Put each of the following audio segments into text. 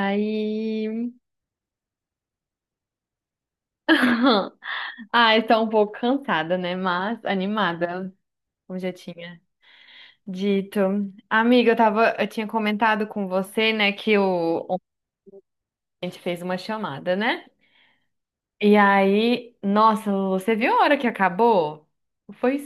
Aí. Ah, estou um pouco cansada, né? Mas animada, como já tinha dito. Amiga, eu tinha comentado com você, né, que ontem a gente fez uma chamada, né? E aí, nossa, você viu a hora que acabou? Foi.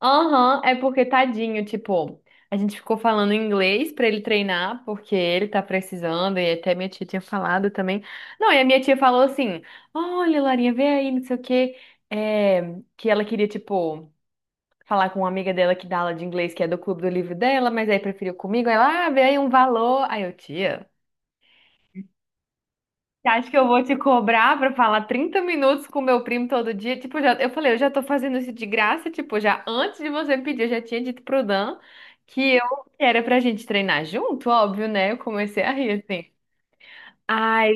Aham, é porque tadinho, tipo, a gente ficou falando em inglês pra ele treinar, porque ele tá precisando, e até minha tia tinha falado também. Não, e a minha tia falou assim: olha, Larinha, vê aí, não sei o quê, é, que ela queria, tipo, falar com uma amiga dela que dá aula de inglês, que é do clube do livro dela, mas aí preferiu comigo. Aí ela, ah, vê aí um valor. Aí eu, tia. Você acha que eu vou te cobrar pra falar 30 minutos com meu primo todo dia? Tipo, já, eu falei, eu já tô fazendo isso de graça, tipo, já antes de você me pedir, eu já tinha dito pro Dan que eu que era pra gente treinar junto, óbvio, né? Eu comecei a rir assim. Ai,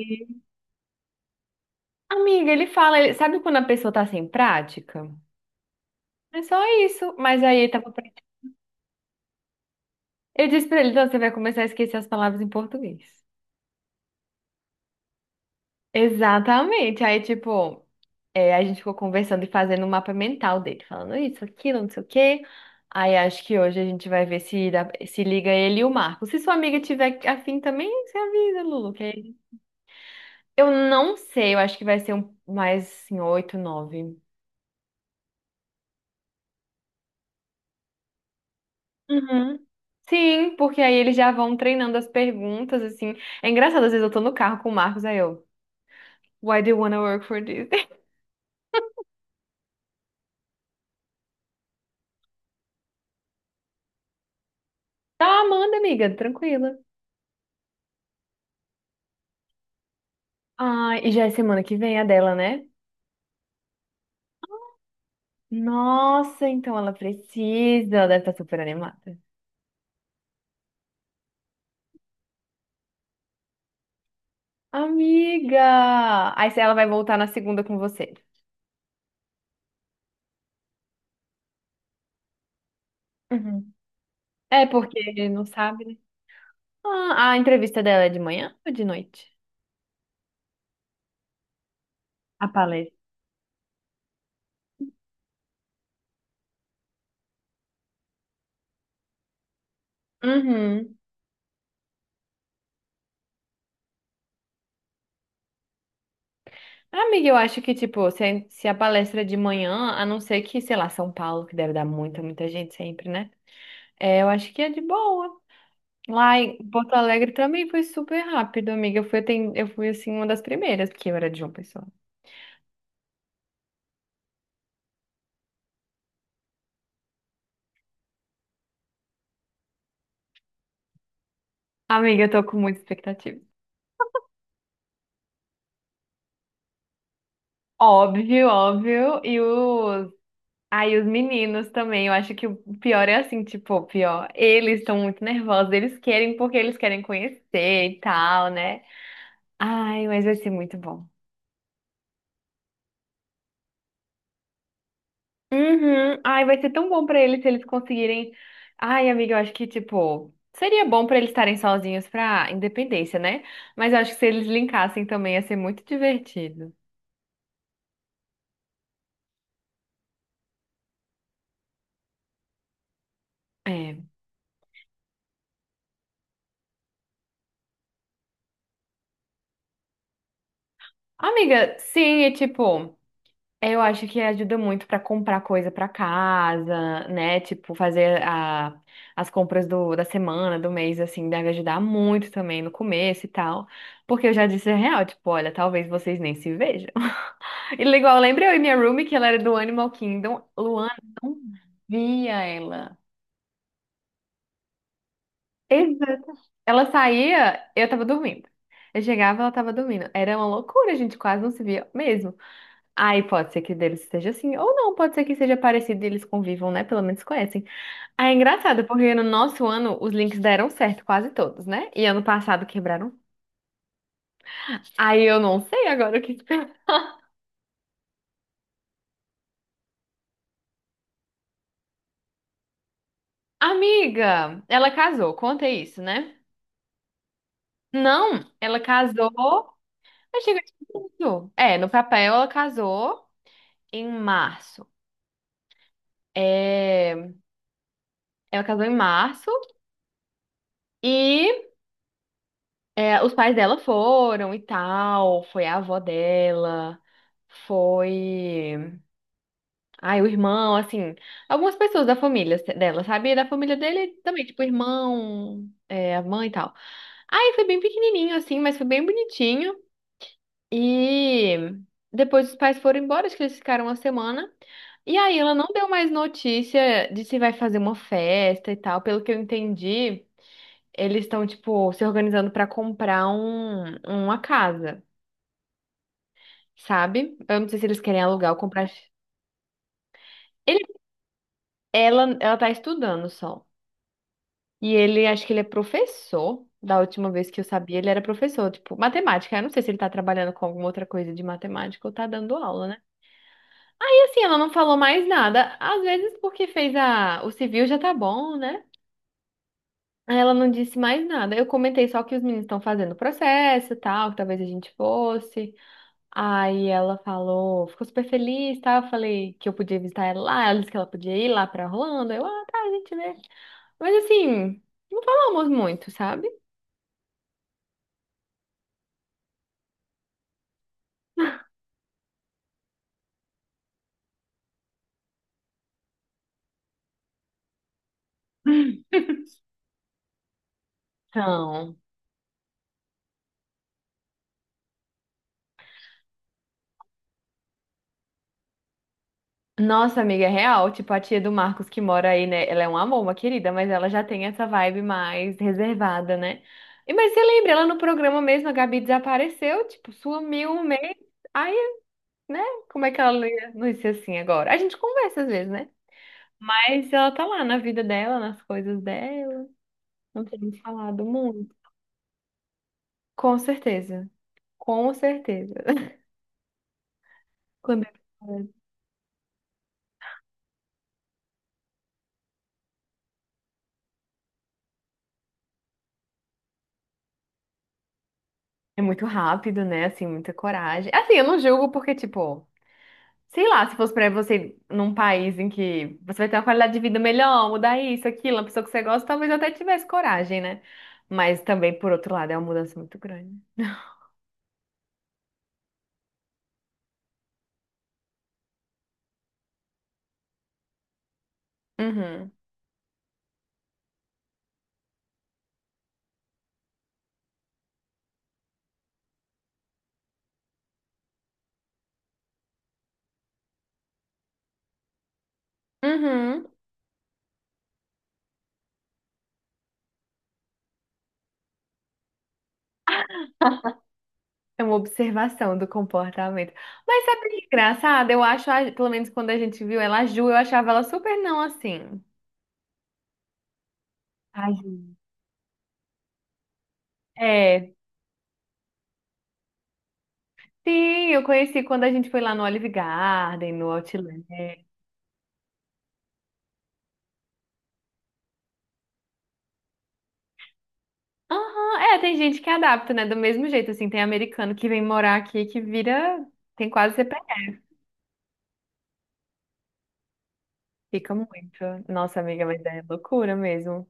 amiga, ele fala, sabe quando a pessoa tá sem prática? É só isso. Mas aí ele tava. Eu disse pra ele, então você vai começar a esquecer as palavras em português. Exatamente. Aí, tipo, é, a gente ficou conversando e fazendo um mapa mental dele, falando isso, aquilo, não sei o quê. Aí acho que hoje a gente vai ver se, se liga ele e o Marco. Se sua amiga tiver afim também, você avisa, Lulu, que eu não sei, eu acho que vai ser um, mais assim, oito, nove. Uhum. Sim, porque aí eles já vão treinando as perguntas, assim. É engraçado, às vezes eu tô no carro com o Marcos, aí eu, why do you wanna work for this? Tá, manda, amiga, tranquila. Ah, e já é semana que vem a dela, né? Nossa, então ela precisa, ela deve estar super animada. Amiga! Aí se ela vai voltar na segunda com você. Uhum. É porque ele não sabe, né? Ah, a entrevista dela é de manhã ou de noite? A palestra. Uhum. Amiga, eu acho que, tipo, se a palestra é de manhã, a não ser que, sei lá, São Paulo, que deve dar muita, muita gente sempre, né? É, eu acho que é de boa. Lá em Porto Alegre também foi super rápido, amiga. Eu fui, eu fui assim, uma das primeiras, porque eu era de João Pessoa. Amiga, eu tô com muita expectativa. Óbvio, óbvio. E os. Aí, os meninos também. Eu acho que o pior é assim, tipo, o pior. Eles estão muito nervosos. Eles querem porque eles querem conhecer e tal, né? Ai, mas vai ser muito bom. Uhum. Ai, vai ser tão bom pra eles se eles conseguirem. Ai, amiga, eu acho que, tipo. Seria bom pra eles estarem sozinhos pra independência, né? Mas eu acho que se eles linkassem também ia ser muito divertido. É. Amiga, sim, e tipo. É, eu acho que ajuda muito para comprar coisa para casa, né? Tipo, fazer a, as compras da semana, do mês, assim, deve ajudar muito também no começo e tal. Porque eu já disse a real, tipo, olha, talvez vocês nem se vejam. E igual, lembra eu e minha roomie, que ela era do Animal Kingdom? Luana não via ela. Exato. Ela saía, eu tava dormindo. Eu chegava, ela tava dormindo. Era uma loucura, a gente quase não se via mesmo. Aí pode ser que deles esteja assim, ou não, pode ser que seja parecido e eles convivam, né? Pelo menos conhecem. Aí é engraçado, porque no nosso ano os links deram certo, quase todos, né? E ano passado quebraram. Aí eu não sei agora o que esperar. Amiga, ela casou, conta isso, né? Não, ela casou. Eu chego isso. É, no papel ela casou em março. É, ela casou em março. E é, os pais dela foram e tal, foi a avó dela, foi. Ai, o irmão, assim, algumas pessoas da família dela, sabe? E da família dele também, tipo, o irmão, é, a mãe e tal. Aí foi bem pequenininho, assim, mas foi bem bonitinho. E depois os pais foram embora, acho que eles ficaram uma semana. E aí ela não deu mais notícia de se vai fazer uma festa e tal, pelo que eu entendi eles estão, tipo, se organizando pra comprar uma casa, sabe? Eu não sei se eles querem alugar ou comprar. Ele, ela tá estudando só. E ele, acho que ele é professor. Da última vez que eu sabia, ele era professor, tipo, matemática. Eu não sei se ele tá trabalhando com alguma outra coisa de matemática ou tá dando aula, né? E assim, ela não falou mais nada. Às vezes, porque fez a... o civil já tá bom, né? Aí ela não disse mais nada. Eu comentei só que os meninos estão fazendo o processo e tal, que talvez a gente fosse. Aí ela falou, ficou super feliz, tá? Eu falei que eu podia visitar ela lá, ela disse que ela podia ir lá pra Orlando. Eu, ah, tá, a gente vê. Mas assim, não falamos muito, sabe? Então, nossa amiga é real, tipo a tia do Marcos que mora aí, né? Ela é um amor, uma querida, mas ela já tem essa vibe mais reservada, né? E mas você lembra, ela no programa mesmo, a Gabi desapareceu, tipo, sumiu um mês. Aí, né? Como é que ela não ia ser assim agora? A gente conversa às vezes, né? Mas ela tá lá na vida dela, nas coisas dela. Não temos falado muito. Com certeza. Com certeza. Quando é é muito rápido, né? Assim, muita coragem. Assim, eu não julgo porque, tipo, sei lá, se fosse pra você num país em que você vai ter uma qualidade de vida melhor, mudar isso, aquilo, uma pessoa que você gosta, talvez eu até tivesse coragem, né? Mas também, por outro lado, é uma mudança muito grande. Uhum. Uhum. É uma observação do comportamento. Mas sabe que é engraçado? Eu acho, pelo menos quando a gente viu ela, a Ju, eu achava ela super não assim. Ai, Ju. É, sim, eu conheci quando a gente foi lá no Olive Garden, no Outlet. Aham, é, tem gente que adapta, né? Do mesmo jeito, assim, tem americano que vem morar aqui que vira, tem quase CPF. Fica muito. Nossa, amiga, mas é loucura mesmo.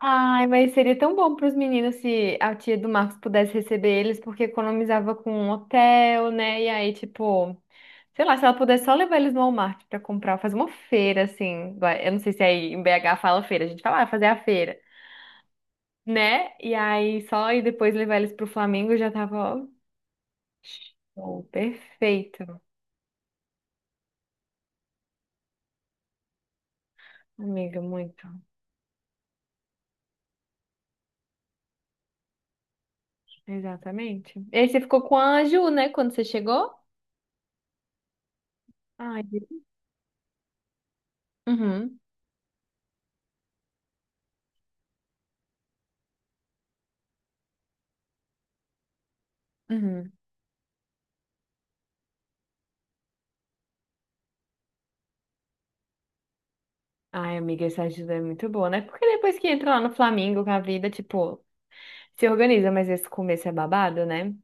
Ai, mas seria tão bom para os meninos se a tia do Marcos pudesse receber eles, porque economizava com um hotel, né? E aí, tipo, sei lá, se ela pudesse só levar eles no Walmart para comprar, fazer uma feira, assim. Eu não sei se é aí em BH fala feira, a gente fala, ah, fazer a feira, né? E aí só e depois levar eles pro Flamengo já tava, ó, show, perfeito. Amiga, muito. Exatamente. E aí você ficou com a Ju, né, quando você chegou? Ai, uhum, uhum. Ai, amiga, essa ajuda é muito boa, né? Porque depois que entra lá no Flamengo com a vida, tipo, se organiza, mas esse começo é babado, né?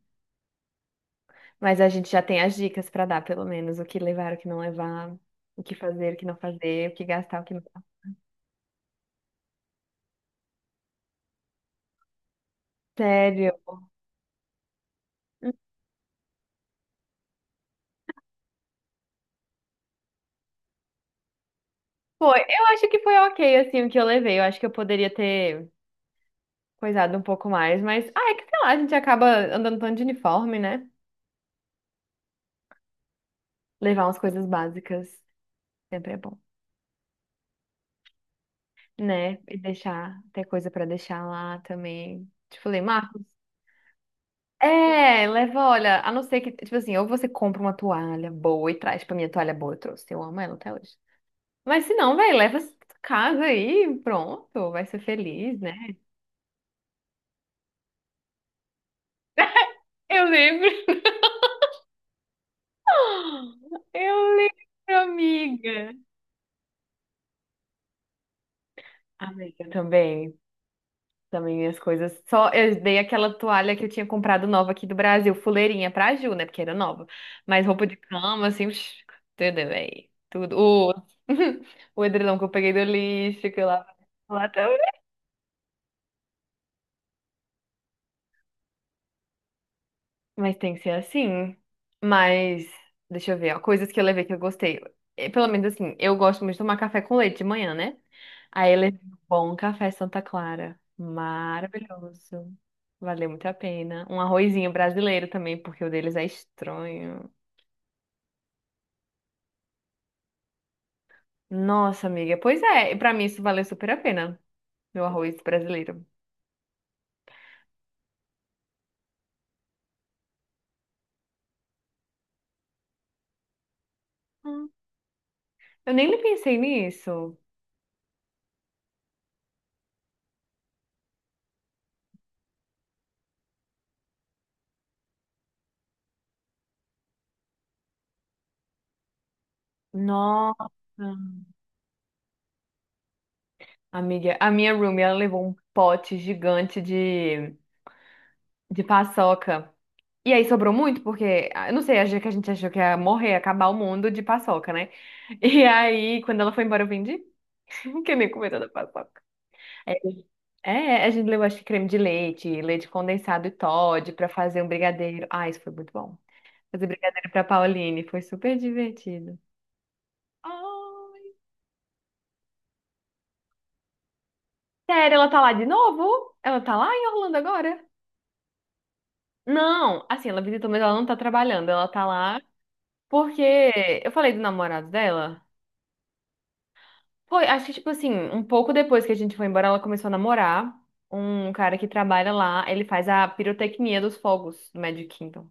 Mas a gente já tem as dicas pra dar, pelo menos, o que levar, o que não levar, o que fazer, o que não fazer, o que gastar, o que não. Sério. Hum. Foi, eu acho que foi ok, assim, o que eu levei. Eu acho que eu poderia ter coisado um pouco mais, mas, ah, é que sei lá, a gente acaba andando tanto de uniforme, né? Levar umas coisas básicas sempre é bom, né? E deixar, ter coisa pra deixar lá também. Te falei, Marcos. É, leva, olha, a não ser que, tipo assim, ou você compra uma toalha boa e traz pra minha toalha boa, eu trouxe, eu amo ela até hoje. Mas se não, velho, leva essa casa aí, pronto, vai ser feliz, né? Eu lembro, eu lembro, amiga. Amiga, também, também minhas coisas, só eu dei aquela toalha que eu tinha comprado nova aqui do Brasil, fuleirinha pra Ju, né, porque era nova, mas roupa de cama, assim, psh, tudo, bem, tudo. O, o edredom que eu peguei do lixo, que eu lavo lá. Mas tem que ser assim. Mas, deixa eu ver, ó, coisas que eu levei que eu gostei. Pelo menos assim, eu gosto muito de tomar café com leite de manhã, né? Aí eu levei um bom café Santa Clara. Maravilhoso. Valeu muito a pena. Um arrozinho brasileiro também, porque o deles é estranho. Nossa, amiga, pois é, e pra mim isso valeu super a pena, meu arroz brasileiro. Hum. Eu nem pensei nisso. Nossa. Amiga, a minha roomie, ela levou um pote gigante de paçoca. E aí sobrou muito, porque, ah, eu não sei, achei que a gente achou que ia morrer, acabar o mundo de paçoca, né? E aí, quando ela foi embora, eu vendi. Que eu nem comi toda a paçoca. É, é, a gente levou, acho que creme de leite, leite condensado e Toddy pra fazer um brigadeiro. Ah, isso foi muito bom. Fazer brigadeiro pra Pauline, foi super divertido. Ai, sério, ela tá lá de novo? Ela tá lá em Orlando agora? Não, assim, ela visitou, mas ela não tá trabalhando, ela tá lá porque eu falei do namorado dela. Foi, acho que tipo assim, um pouco depois que a gente foi embora, ela começou a namorar um cara que trabalha lá, ele faz a pirotecnia dos fogos do Magic Kingdom.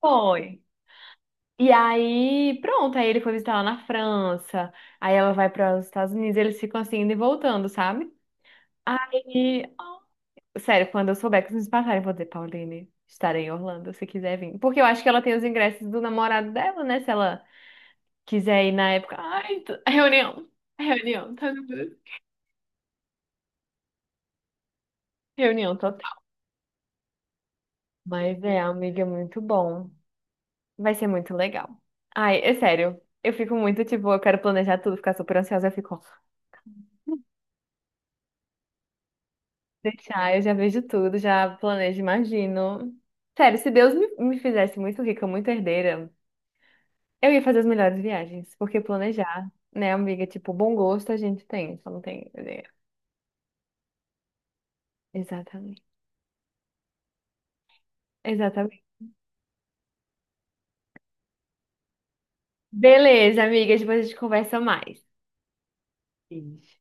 Foi. E aí, pronto, aí ele foi visitar ela na França, aí ela vai para os Estados Unidos, eles ficam assim indo e voltando, sabe? Aí, sério, quando eu souber que vocês me passarem, eu vou dizer, Pauline, estarei em Orlando, se quiser vir. Porque eu acho que ela tem os ingressos do namorado dela, né? Se ela quiser ir na época. Ai, reunião, reunião, tá reunião total. Mas é, amiga, é muito bom. Vai ser muito legal. Ai, é sério, eu fico muito, tipo, eu quero planejar tudo, ficar super ansiosa, eu fico, deixar, eu já vejo tudo, já planejo, imagino. Sério, se Deus me fizesse muito rica, muito herdeira. Eu ia fazer as melhores viagens, porque planejar, né, amiga? Tipo, bom gosto a gente tem, só não tem ideia. Exatamente. Exatamente. Beleza, amiga, depois a gente conversa mais. Beijo.